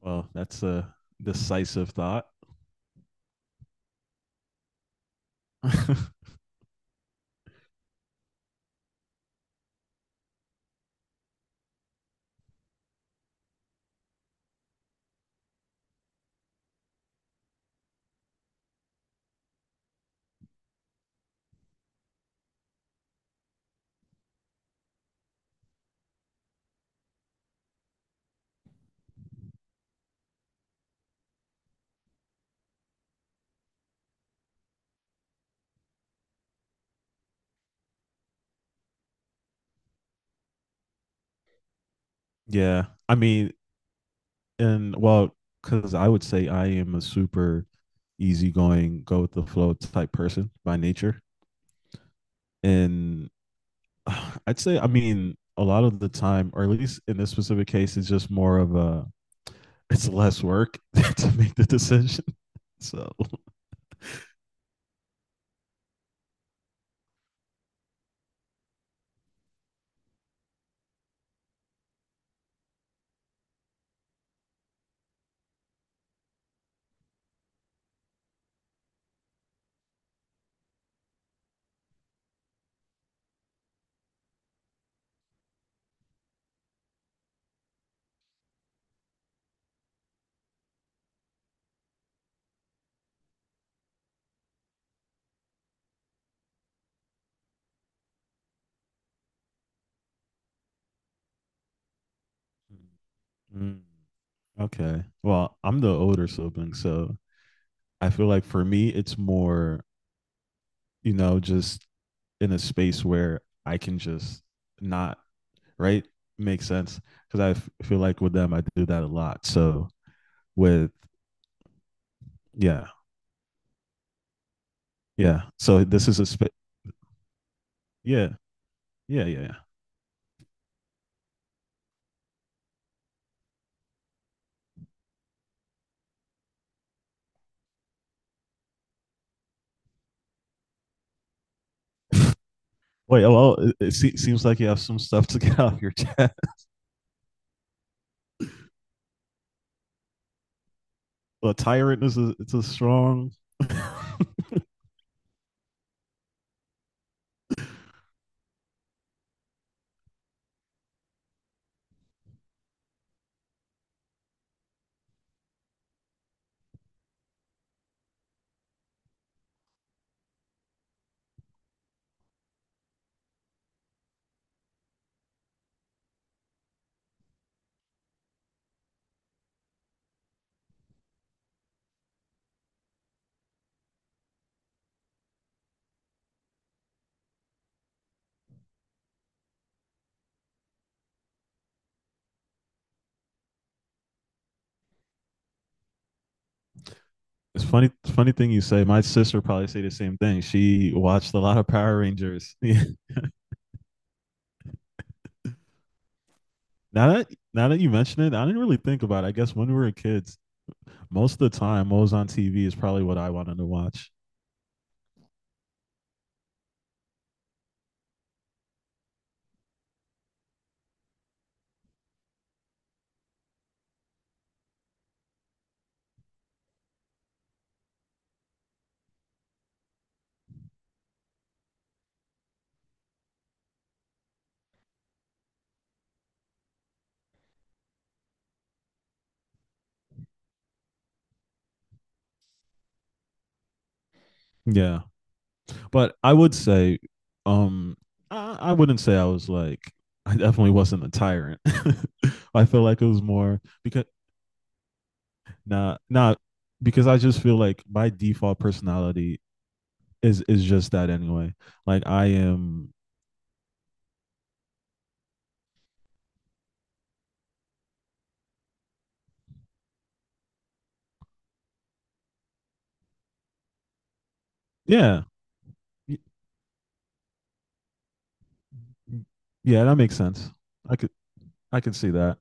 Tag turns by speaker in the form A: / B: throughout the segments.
A: Well, that's a decisive thought. Yeah, I mean, and well, because I would say I am a super easygoing, go with the flow type person by nature. And I'd say, I mean, a lot of the time, or at least in this specific case, it's just more of a, it's less work to make the decision. So, Mm. Okay, well, I'm the older sibling, so I feel like for me, it's more, you know, just in a space where I can just not, right? Makes sense. Cause I feel like with them, I do that a lot. So with, yeah, yeah. So this is a space. Yeah, yeah, yeah, yeah. It seems like you have some stuff to get off your chest. Well, tyrant is it's a strong. It's funny thing you say. My sister probably say the same thing. She watched a lot of Power Rangers. Yeah. Now that now that you mention it, I didn't really think about it. I guess when we were kids, most of the time what was on TV is probably what I wanted to watch. Yeah. But I would say, um, I wouldn't say I was like I definitely wasn't a tyrant. I feel like it was more because not nah, not nah, because I just feel like my default personality is just that anyway. Like I am, yeah, yeah, that makes sense. I could I could see that.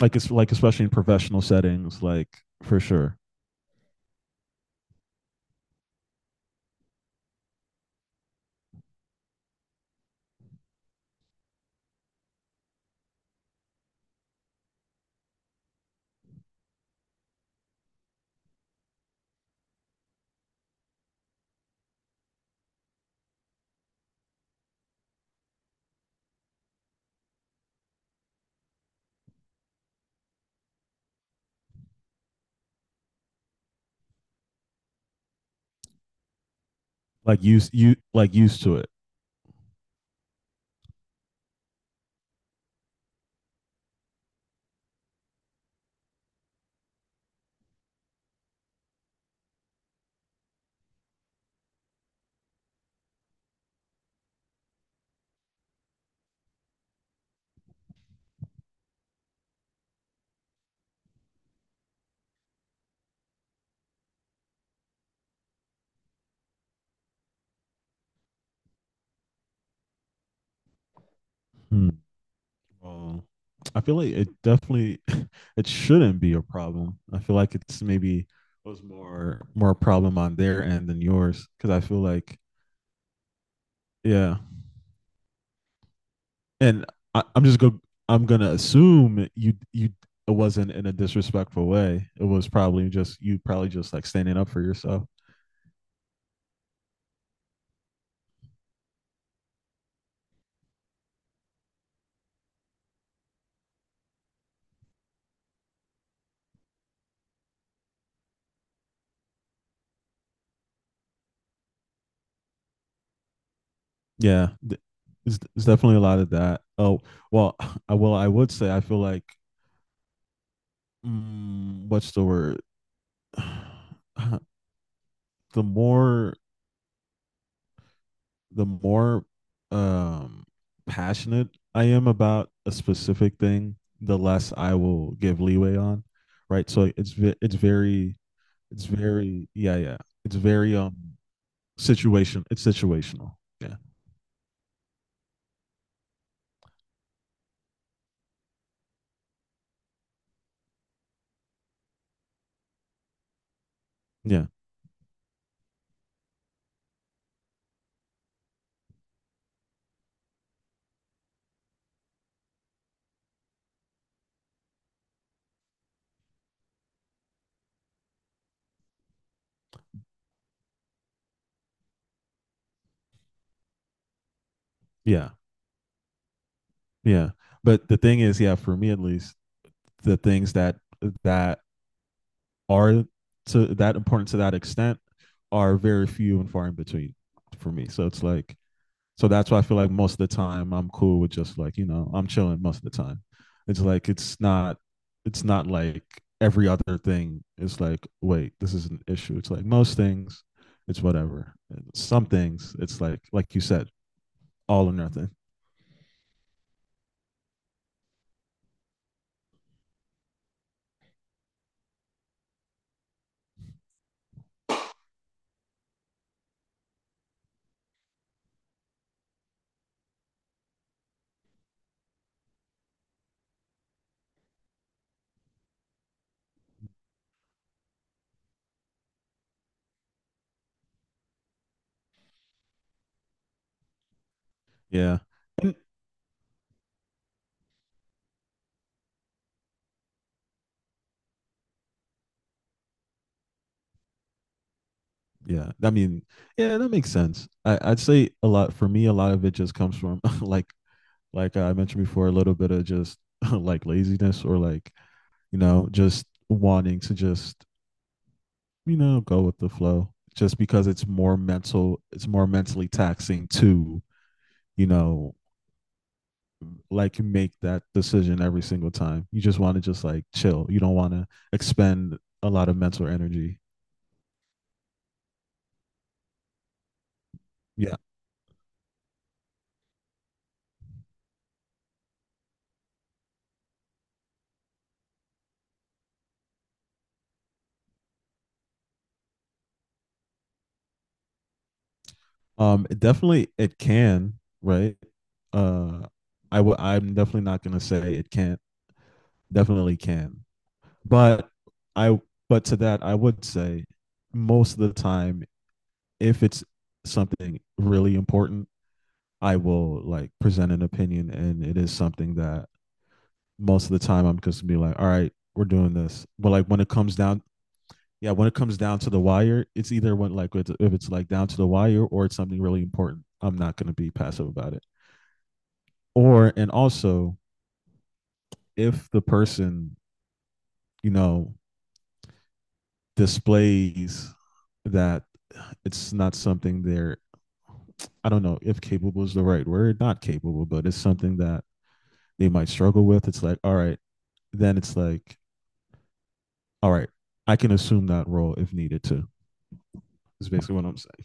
A: Like it's like especially in professional settings, like for sure. Like used you like used to it. Hmm. Um, I feel like it definitely it shouldn't be a problem. I feel like it's maybe was more a problem on their end than yours because I feel like yeah, and I'm just going. I'm gonna assume you it wasn't in a disrespectful way. It was probably just you probably just like standing up for yourself. Yeah, it's definitely a lot of that. Oh, well, I well I would say I feel like what's the word? I the more the more um passionate I am about a specific thing, the less I will give leeway on, right? So it's very it's very yeah yeah it's very situation it's situational, yeah, yeah, yeah, yeah, but the thing is yeah for me at least the things that are to that important to that extent are very few and far in between for me, so it's like so that's why I feel like most of the time I'm cool with just like, you know, I'm chilling most of the time. It's like it's not like every other thing is like, wait, this is an issue. It's like most things, it's whatever. Some things, it's like you said, all or nothing. Yeah. Yeah. I mean, yeah, that makes sense. I'd say a lot for me, a lot of it just comes from like I mentioned before, a little bit of just like laziness or like, you know, just wanting to just you know, go with the flow just because it's more mental, it's more mentally taxing to, you know, like make that decision every single time. You just want to just like chill. You don't want to expend a lot of mental energy. Yeah. It definitely it can, right? Uh I'm definitely not going to say it can't. Definitely can. But I but to that I would say most of the time if it's something really important, I will like present an opinion and it is something that most of the time I'm just gonna be like, all right, we're doing this. But like when it comes down, yeah, when it comes down to the wire, it's either when if it's like down to the wire or it's something really important. I'm not gonna be passive about it. Or and also if the person, you know, displays that it's not something they're I don't know if capable is the right word, not capable, but it's something that they might struggle with. It's like, all right, then it's like all right, I can assume that role if needed to. Is basically what I'm saying.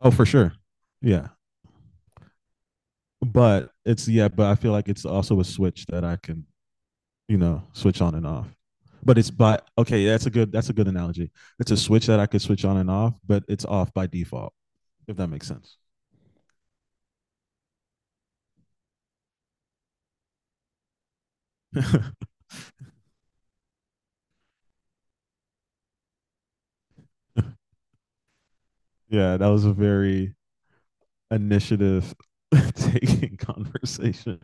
A: Oh, for sure. Yeah. But it's yeah, but I feel like it's also a switch that I can, you know, switch on and off. But it's by okay, that's a good analogy. It's a switch that I could switch on and off, but it's off by default, if that makes sense. Yeah, that was a very initiative taking conversation.